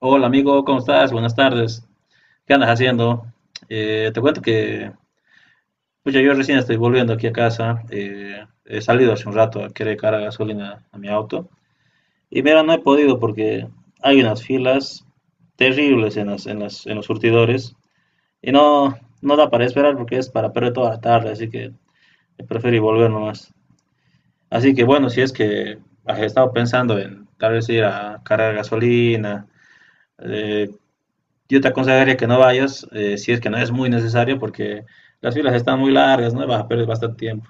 Hola amigo, ¿cómo estás? Buenas tardes. ¿Qué andas haciendo? Te cuento que pucha, yo recién estoy volviendo aquí a casa. He salido hace un rato a querer cargar gasolina a mi auto. Y mira, no he podido porque hay unas filas terribles en los surtidores. Y no, no da para esperar porque es para perder toda la tarde. Así que prefiero volver nomás. Así que bueno, si es que has estado pensando en tal vez ir a cargar gasolina, eh, yo te aconsejaría que no vayas, si es que no es muy necesario, porque las filas están muy largas, ¿no? Vas a perder bastante tiempo.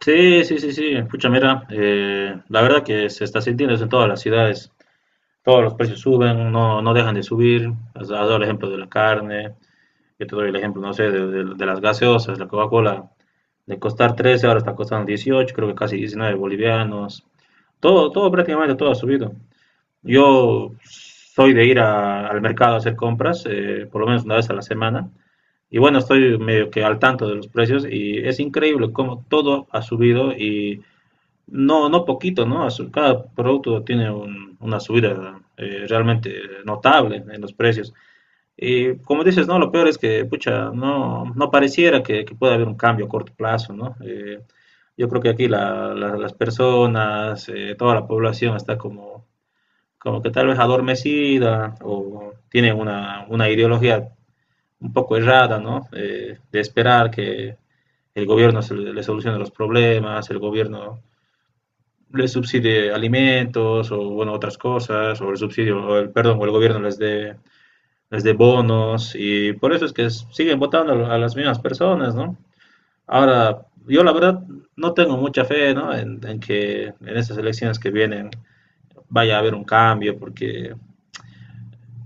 Sí, sí, sí, sí. Pucha, mira, la verdad que se está sintiendo eso en todas las ciudades. Todos los precios suben, no, no dejan de subir. Has dado el ejemplo de la carne, yo te doy el ejemplo, no sé, de las gaseosas. La Coca-Cola, de costar 13, ahora está costando 18, creo que casi 19 bolivianos. Todo, todo, prácticamente todo ha subido. Yo soy de ir al mercado a hacer compras, por lo menos una vez a la semana. Y bueno, estoy medio que al tanto de los precios y es increíble cómo todo ha subido y no, no poquito, ¿no? Cada producto tiene una subida realmente notable en los precios. Y como dices, ¿no? Lo peor es que, pucha, no, no pareciera que pueda haber un cambio a corto plazo, ¿no? Yo creo que aquí las personas, toda la población está como que tal vez adormecida, o tiene una ideología un poco errada, ¿no? De esperar que el gobierno se le solucione los problemas, el gobierno les subsidie alimentos o bueno otras cosas, o el subsidio o el perdón, o el gobierno les dé bonos, y por eso es que siguen votando a las mismas personas, ¿no? Ahora, yo la verdad no tengo mucha fe, ¿no? En que en estas elecciones que vienen vaya a haber un cambio, porque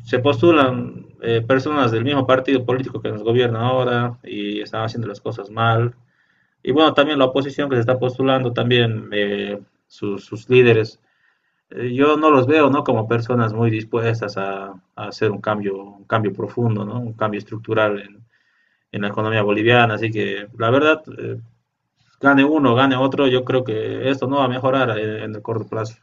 se postulan, personas del mismo partido político que nos gobierna ahora y están haciendo las cosas mal. Y bueno, también la oposición que se está postulando, también, líderes, yo no los veo, ¿no? Como personas muy dispuestas hacer un cambio profundo, ¿no? Un cambio estructural en la economía boliviana. Así que la verdad, gane uno, gane otro, yo creo que esto no va a mejorar en el corto plazo.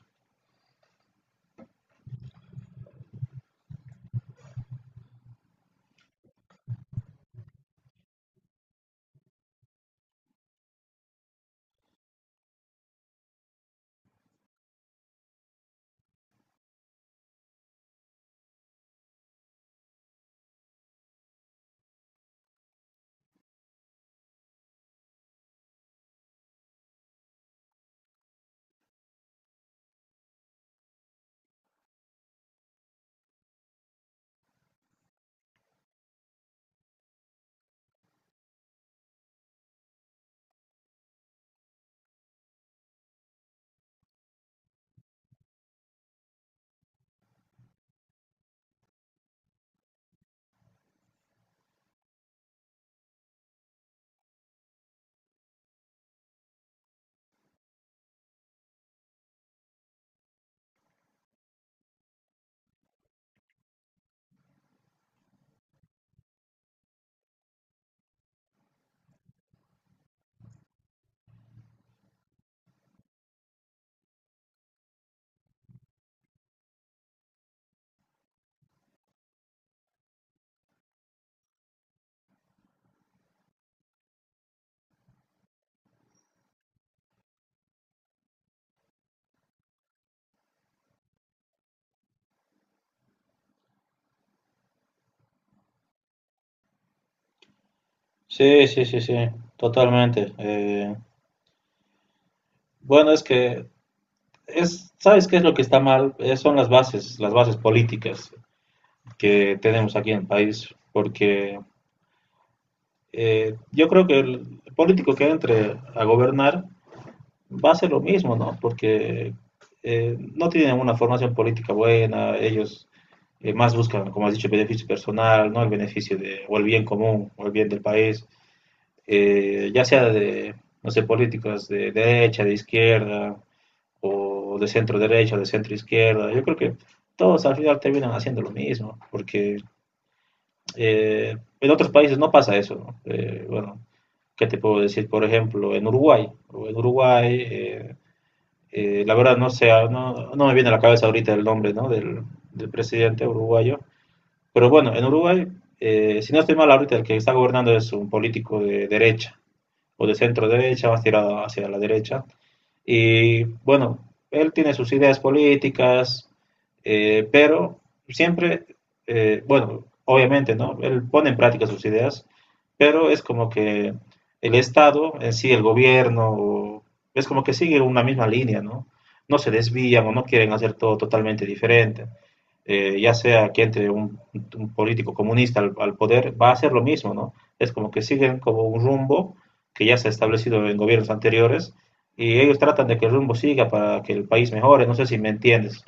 Sí, sí, sí, sí, totalmente. Bueno, es que ¿sabes qué es lo que está mal? Son las bases políticas que tenemos aquí en el país, porque yo creo que el político que entre a gobernar va a hacer lo mismo, ¿no? Porque no tienen una formación política buena. Ellos más buscan, como has dicho, el beneficio personal, ¿no? El beneficio de, o el bien común, o el bien del país, ya sea de, no sé, políticas de derecha, de izquierda, o de centro derecha, o de centro izquierda. Yo creo que todos al final terminan haciendo lo mismo, porque en otros países no pasa eso, ¿no? Bueno, ¿qué te puedo decir? Por ejemplo, en Uruguay, la verdad no sé, no, no, me viene a la cabeza ahorita el nombre, ¿no? Del presidente uruguayo, pero bueno, en Uruguay, si no estoy mal ahorita, el que está gobernando es un político de derecha o de centro derecha, más tirado hacia la derecha. Y bueno, él tiene sus ideas políticas, pero siempre, bueno, obviamente, ¿no? Él pone en práctica sus ideas, pero es como que el Estado en sí, el gobierno, es como que sigue una misma línea, ¿no? No se desvían o no quieren hacer todo totalmente diferente, ya sea que entre un político comunista al poder, va a hacer lo mismo, ¿no? Es como que siguen como un rumbo que ya se ha establecido en gobiernos anteriores, y ellos tratan de que el rumbo siga para que el país mejore, no sé si me entiendes.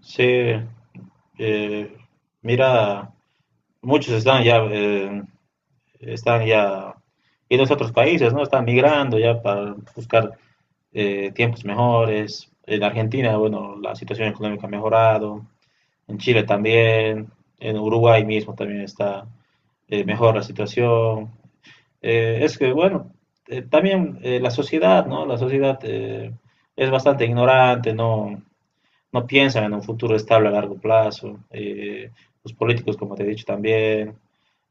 Sí, eh, mira, muchos están ya yendo a otros países, ¿no? Están migrando ya para buscar, tiempos mejores. En Argentina, bueno, la situación económica ha mejorado, en Chile también, en Uruguay mismo también está, mejor la situación. Es que, bueno, también, la sociedad, ¿no? La sociedad, es bastante ignorante, no, no piensan en un futuro estable a largo plazo. Los políticos, como te he dicho también.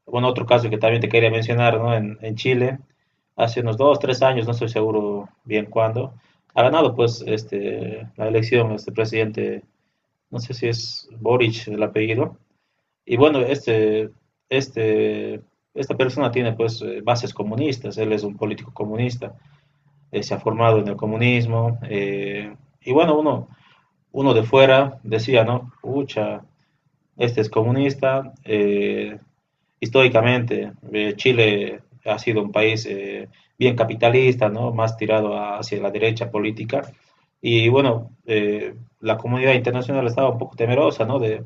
Bueno, otro caso que también te quería mencionar, ¿no? En Chile, hace unos 2, 3 años, no estoy seguro bien cuándo, ha ganado pues este, la elección, este presidente, no sé si es Boric el apellido, y bueno, este, esta persona tiene, pues, bases comunistas, él es un político comunista, se ha formado en el comunismo, y bueno, uno de fuera decía, ¿no? Ucha, este es comunista, históricamente, Chile ha sido un país, bien capitalista, ¿no? Más tirado hacia la derecha política. Y bueno, la comunidad internacional estaba un poco temerosa, ¿no? De,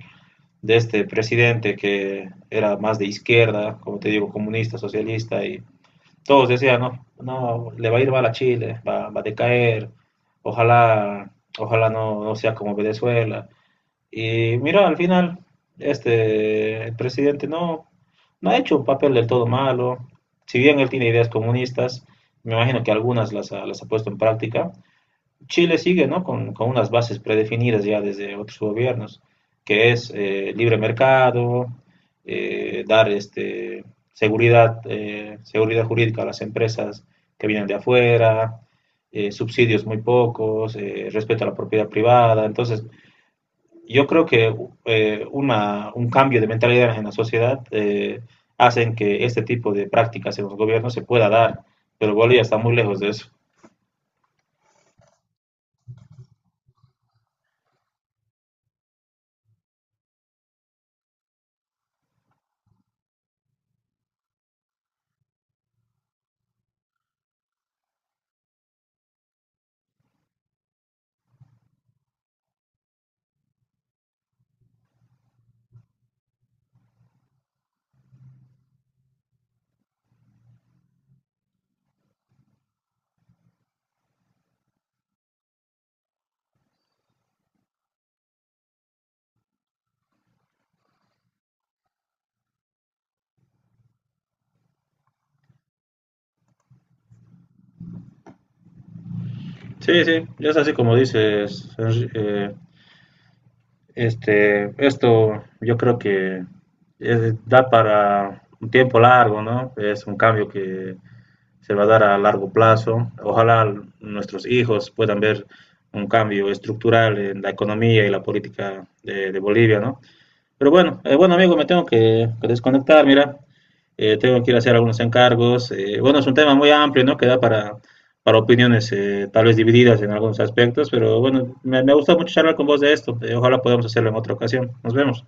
de este presidente que era más de izquierda, como te digo, comunista, socialista, y todos decían, no, no, le va a ir mal a Chile, va a decaer, ojalá, ojalá no, no sea como Venezuela. Y mira, al final, este, el presidente no, no ha hecho un papel del todo malo; si bien él tiene ideas comunistas, me imagino que algunas las ha puesto en práctica, Chile sigue, ¿no? Con unas bases predefinidas ya desde otros gobiernos, que es, libre mercado, dar este, seguridad, seguridad jurídica a las empresas que vienen de afuera, subsidios muy pocos, respeto a la propiedad privada. Entonces, yo creo que, un cambio de mentalidad en la sociedad, hacen que este tipo de prácticas en los gobiernos se pueda dar, pero Bolivia está muy lejos de eso. Sí, sí, es así como dices. Esto yo creo que da para un tiempo largo, ¿no? Es un cambio que se va a dar a largo plazo. Ojalá nuestros hijos puedan ver un cambio estructural en la economía y la política de Bolivia, ¿no? Pero bueno, bueno amigo, me tengo que desconectar, mira, tengo que ir a hacer algunos encargos. Bueno, es un tema muy amplio, ¿no? Que da para opiniones, tal vez divididas en algunos aspectos, pero bueno, me gusta mucho charlar con vos de esto. Ojalá podamos hacerlo en otra ocasión. Nos vemos.